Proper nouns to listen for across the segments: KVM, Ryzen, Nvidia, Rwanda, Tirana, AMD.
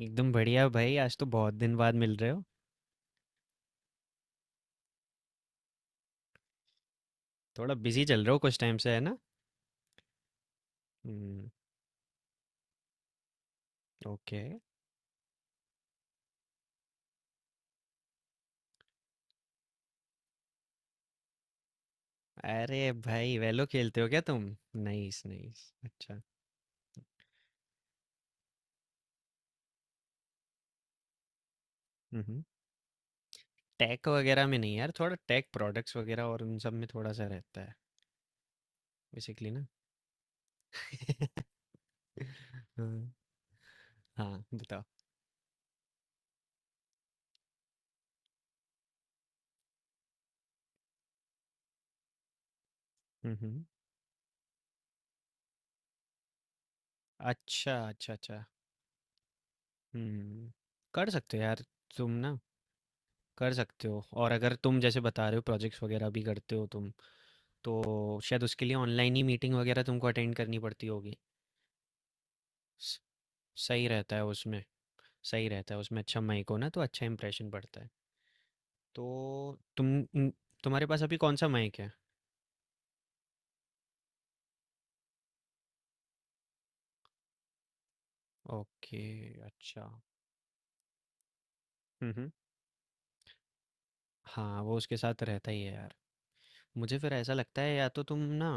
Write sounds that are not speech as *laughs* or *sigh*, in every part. एकदम बढ़िया भाई। आज तो बहुत दिन बाद मिल रहे हो। थोड़ा बिजी चल रहे हो कुछ टाइम से, है ना? हम्म। ओके। अरे भाई, वेलो खेलते हो क्या तुम? Nice, nice. अच्छा। हम्म। टेक वगैरह में नहीं यार, थोड़ा टेक प्रोडक्ट्स वगैरह और उन सब में थोड़ा सा रहता है बेसिकली ना। *laughs* हाँ, हाँ, बताओ। हम्म। अच्छा, अच्छा, अच्छा। हम्म। कर सकते हो यार, तुम ना कर सकते हो। और अगर तुम जैसे बता रहे हो प्रोजेक्ट्स वगैरह भी करते हो तुम, तो शायद उसके लिए ऑनलाइन ही मीटिंग वगैरह तुमको अटेंड करनी पड़ती होगी। स- सही रहता है उसमें। सही रहता है उसमें, अच्छा माइक हो ना तो अच्छा इंप्रेशन पड़ता है। तो तुम न- तुम्हारे पास अभी कौन सा माइक है? ओके। अच्छा। हम्म, हम्म। हाँ, वो उसके साथ रहता ही है यार। मुझे फिर ऐसा लगता है, या तो तुम ना,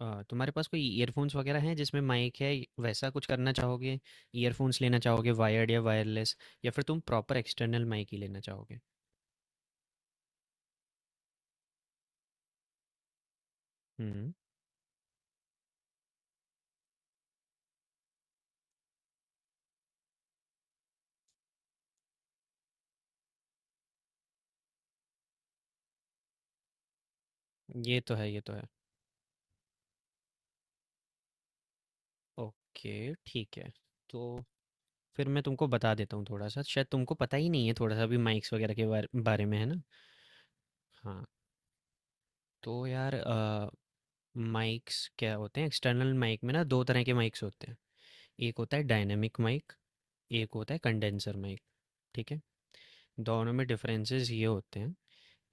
तुम्हारे पास कोई ईयरफोन्स वगैरह हैं जिसमें माइक है। वैसा कुछ करना चाहोगे? ईयरफोन्स लेना चाहोगे, वायर्ड या वायरलेस? या फिर तुम प्रॉपर एक्सटर्नल माइक ही लेना चाहोगे? हम्म। ये तो है, ये तो है। ओके, ठीक है। तो फिर मैं तुमको बता देता हूँ थोड़ा सा, शायद तुमको पता ही नहीं है थोड़ा सा भी माइक्स वगैरह के बारे में, है ना? हाँ, तो यार माइक्स क्या होते हैं? एक्सटर्नल माइक में ना दो तरह के माइक्स होते हैं। एक होता है डायनेमिक माइक। एक होता है कंडेंसर माइक। ठीक है। दोनों में डिफरेंसेस ये होते हैं,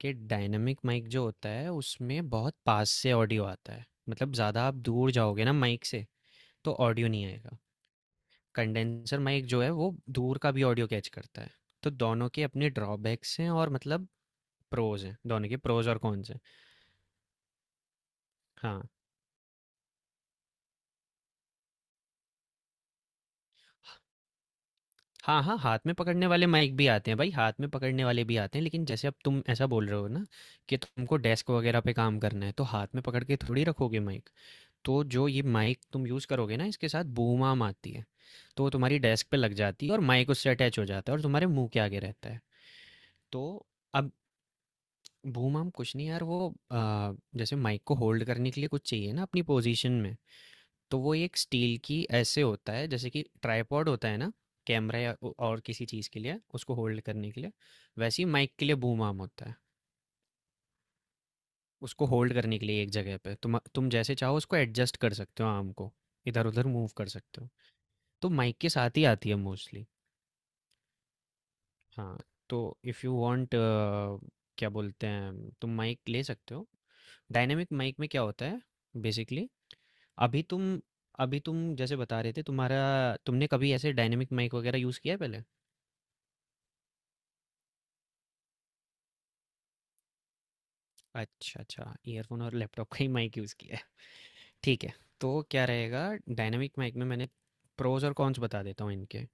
कि डायनेमिक माइक जो होता है उसमें बहुत पास से ऑडियो आता है, मतलब ज़्यादा आप दूर जाओगे ना माइक से तो ऑडियो नहीं आएगा। कंडेंसर माइक जो है वो दूर का भी ऑडियो कैच करता है। तो दोनों के अपने ड्रॉबैक्स हैं और मतलब प्रोज हैं, दोनों के प्रोज और कॉन्स हैं। हाँ, हाँ, हाँ, हाथ में पकड़ने वाले माइक भी आते हैं भाई, हाथ में पकड़ने वाले भी आते हैं, लेकिन जैसे अब तुम ऐसा बोल रहे हो ना, कि तुमको डेस्क वगैरह पे काम करना है तो हाथ में पकड़ के थोड़ी रखोगे माइक। तो जो ये माइक तुम यूज़ करोगे ना, इसके साथ बूम आम आती है। तो वो तुम्हारी डेस्क पे लग जाती है और माइक उससे अटैच हो जाता है और तुम्हारे मुंह के आगे रहता है। तो अब बूम-आर्म कुछ नहीं यार, वो जैसे माइक को होल्ड करने के लिए कुछ चाहिए ना अपनी पोजीशन में। तो वो एक स्टील की ऐसे होता है, जैसे कि ट्राइपॉड होता है ना, कैमरा या और किसी चीज़ के लिए उसको होल्ड करने के लिए। वैसे ही माइक के लिए बूम आर्म होता है। उसको होल्ड करने के लिए एक जगह पे तुम जैसे चाहो उसको एडजस्ट कर सकते हो आर्म को, इधर उधर मूव कर सकते हो। तो माइक के साथ ही आती है मोस्टली। हाँ। तो इफ़ यू वांट, क्या बोलते हैं, तुम माइक ले सकते हो। डायनेमिक माइक में क्या होता है बेसिकली? अभी तुम अभी तुम जैसे बता रहे थे तुम्हारा, तुमने कभी ऐसे डायनेमिक माइक वगैरह यूज़ किया है पहले? अच्छा, अच्छा, ईयरफोन और लैपटॉप का ही माइक यूज़ किया है। ठीक है। तो क्या रहेगा? डायनेमिक माइक में मैंने प्रोज और कॉन्स बता देता हूँ इनके।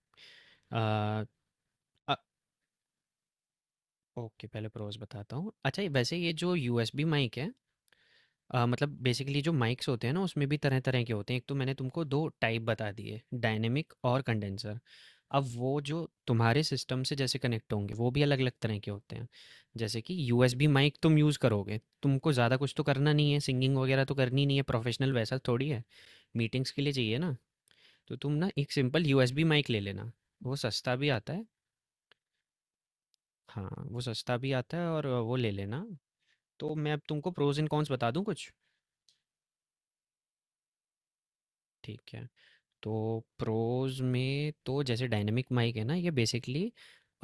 आ, अ- ओके, पहले प्रोज बताता हूँ। अच्छा वैसे ये जो यूएसबी माइक है, मतलब बेसिकली जो माइक्स होते हैं ना उसमें भी तरह-तरह के होते हैं। एक तो मैंने तुमको 2 टाइप बता दिए, डायनेमिक और कंडेंसर। अब वो जो तुम्हारे सिस्टम से जैसे कनेक्ट होंगे वो भी अलग-अलग तरह के होते हैं। जैसे कि यूएसबी माइक तुम यूज़ करोगे, तुमको ज़्यादा कुछ तो करना नहीं है, सिंगिंग वगैरह तो करनी नहीं है, प्रोफेशनल वैसा थोड़ी है। मीटिंग्स के लिए चाहिए ना, तो तुम ना एक सिंपल यूएसबी माइक ले लेना, वो सस्ता भी आता है। हाँ, वो सस्ता भी आता है और वो ले लेना। तो मैं अब तुमको प्रोज़ एंड कॉन्स बता दूँ कुछ? ठीक है। तो प्रोज में तो जैसे डायनेमिक माइक है ना ये, बेसिकली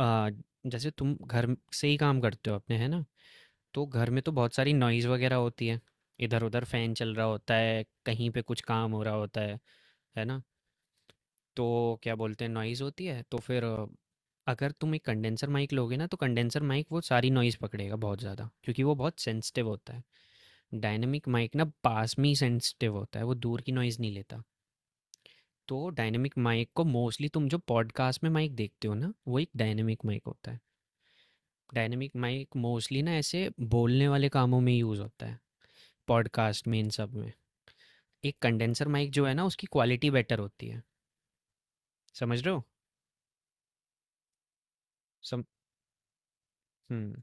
जैसे तुम घर से ही काम करते हो अपने, है ना? तो घर में तो बहुत सारी नॉइज़ वगैरह होती है। इधर उधर फैन चल रहा होता है, कहीं पे कुछ काम हो रहा होता है ना? तो क्या बोलते हैं, नॉइज़ होती है तो फिर अगर तुम एक कंडेंसर माइक लोगे ना तो कंडेंसर माइक वो सारी नॉइज़ पकड़ेगा बहुत ज़्यादा, क्योंकि वो बहुत सेंसिटिव होता है। डायनेमिक माइक ना पास में ही सेंसिटिव होता है, वो दूर की नॉइज़ नहीं लेता। तो डायनेमिक माइक को मोस्टली, तुम जो पॉडकास्ट में माइक देखते हो ना, वो एक डायनेमिक माइक होता है। डायनेमिक माइक मोस्टली ना ऐसे बोलने वाले कामों में यूज़ होता है, पॉडकास्ट में, इन सब में। एक कंडेंसर माइक जो है ना, उसकी क्वालिटी बेटर होती है। समझ रहे हो? सम हम्म।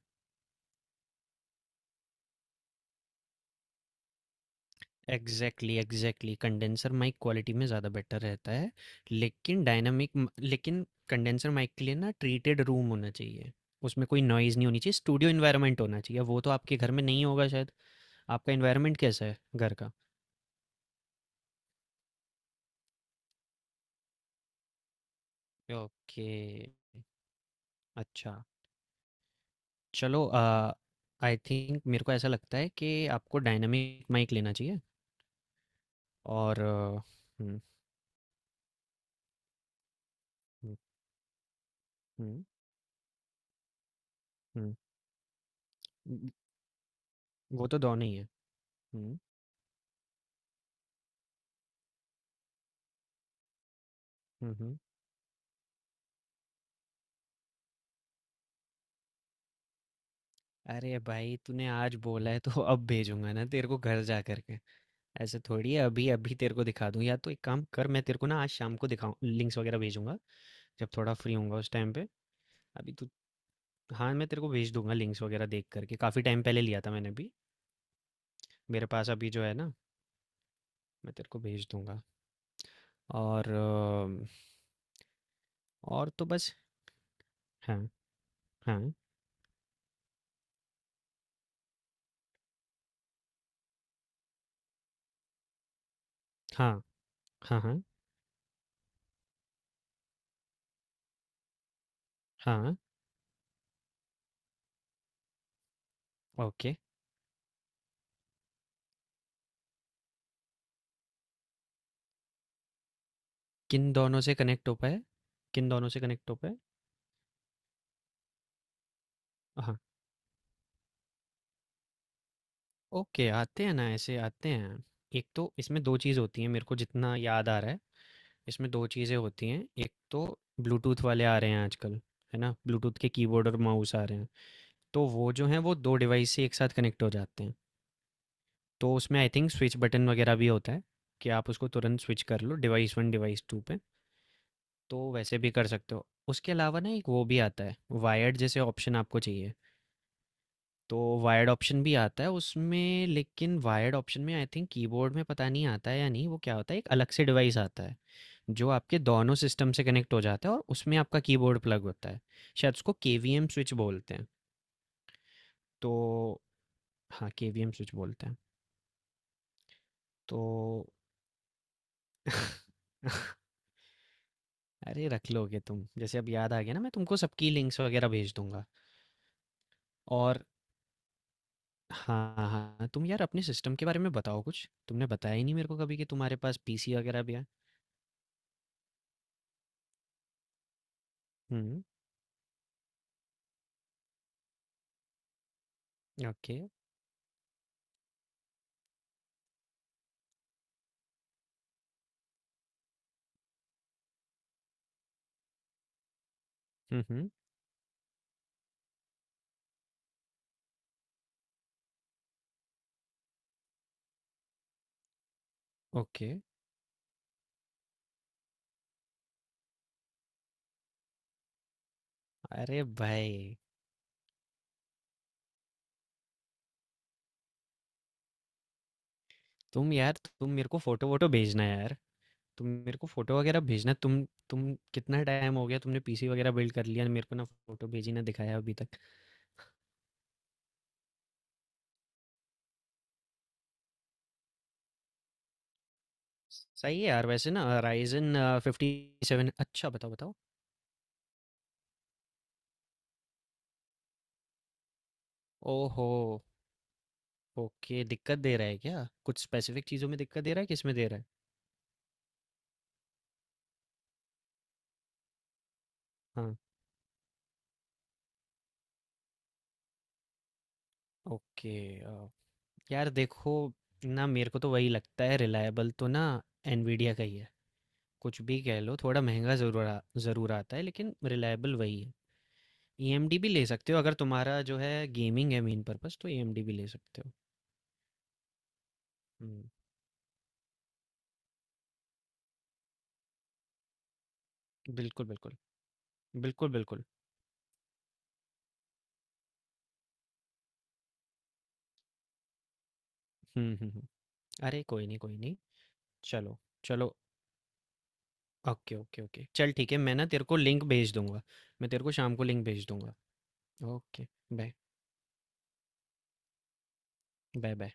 Exactly, exactly, condenser mic quality में ज़्यादा बेटर रहता है। लेकिन कंडेंसर माइक के लिए ना ट्रीटेड रूम होना चाहिए। उसमें कोई नॉइज़ नहीं होनी चाहिए, स्टूडियो इन्वायरमेंट होना चाहिए, वो तो आपके घर में नहीं होगा शायद। आपका इन्वायरमेंट कैसा है घर का? ओके। अच्छा। चलो, आई थिंक मेरे को ऐसा लगता है कि आपको डायनामिक माइक लेना चाहिए। और हम्म। हम्म। हम्म। हम्म, न- वो तो दोनों ही है। हम्म। हम्म। हम्म। अरे भाई तूने आज बोला है तो *laughs* अब भेजूंगा ना तेरे को, घर जा करके। ऐसे थोड़ी है अभी अभी तेरे को दिखा दूं, या तो एक काम कर, मैं तेरे को ना आज शाम को दिखाऊं, लिंक्स वगैरह भेजूंगा जब थोड़ा फ्री होऊंगा उस टाइम पे। अभी तू, हाँ, मैं तेरे को भेज दूंगा लिंक्स वगैरह, देख करके काफ़ी टाइम पहले लिया था मैंने भी। मेरे पास अभी जो है ना, मैं तेरे को भेज दूँगा। और और तो बस। हाँ, हाँ, हाँ, हाँ, हाँ, हाँ, ओके। किन दोनों से कनेक्ट हो पाए? किन दोनों से कनेक्ट हो पाए? हाँ, ओके, आते हैं ना, ऐसे आते हैं। एक तो इसमें 2 चीज़ होती हैं मेरे को जितना याद आ रहा है, इसमें 2 चीज़ें होती हैं। एक तो ब्लूटूथ वाले आ रहे हैं आजकल, है ना? ब्लूटूथ के कीबोर्ड और माउस आ रहे हैं। तो वो जो हैं वो 2 डिवाइस से एक साथ कनेक्ट हो जाते हैं। तो उसमें आई थिंक स्विच बटन वगैरह भी होता है, कि आप उसको तुरंत स्विच कर लो डिवाइस वन डिवाइस टू पे। तो वैसे भी कर सकते हो, उसके अलावा ना एक वो भी आता है, वायर्ड जैसे ऑप्शन आपको चाहिए। तो वायर्ड ऑप्शन भी आता है उसमें, लेकिन वायर्ड ऑप्शन में आई थिंक कीबोर्ड में पता नहीं आता है या नहीं, वो क्या होता है, एक अलग से डिवाइस आता है जो आपके दोनों सिस्टम से कनेक्ट हो जाता है और उसमें आपका कीबोर्ड प्लग होता है। शायद उसको केवीएम स्विच बोलते हैं। तो हाँ, केवीएम स्विच बोलते हैं। तो अरे रख लोगे तुम, जैसे अब याद आ गया ना, मैं तुमको सबकी लिंक्स वगैरह भेज दूंगा। और हाँ, हाँ, तुम यार अपने सिस्टम के बारे में बताओ कुछ, तुमने बताया ही नहीं मेरे को कभी कि तुम्हारे पास पीसी वगैरह भी है। हम्म। ओके। हम्म, हम्म। ओके, अरे भाई, तुम यार, तुम मेरे को फोटो वोटो भेजना यार। तुम मेरे को फोटो वगैरह भेजना, तुम, कितना टाइम हो गया तुमने पीसी वगैरह बिल्ड कर लिया, मेरे को ना फोटो भेजी ना दिखाया अभी तक। सही है यार, वैसे ना राइजन फिफ्टी सेवन, अच्छा बताओ, बताओ। ओहो। ओके, दिक्कत दे रहा है क्या? कुछ स्पेसिफिक चीज़ों में दिक्कत दे रहा है, किसमें दे रहा है? हाँ, ओके, अ, यार देखो ना, मेरे को तो वही लगता है रिलायबल तो ना एनवीडिया का ही है। कुछ भी कह लो, थोड़ा महँगा ज़रूर आता है लेकिन रिलायबल वही है। एएमडी भी ले सकते हो, अगर तुम्हारा जो है गेमिंग है मेन पर्पज़, तो एएमडी भी ले सकते हो। हुँ, बिल्कुल, बिल्कुल। बिल्कुल, बिल्कुल। हुँ, हुँ, हुँ। अरे कोई नहीं, कोई नहीं। चलो, चलो। Okay, okay, okay. चल ठीक है, मैं ना तेरे को लिंक भेज दूँगा। मैं तेरे को शाम को लिंक भेज दूँगा। ओके। बाय। Bye, bye.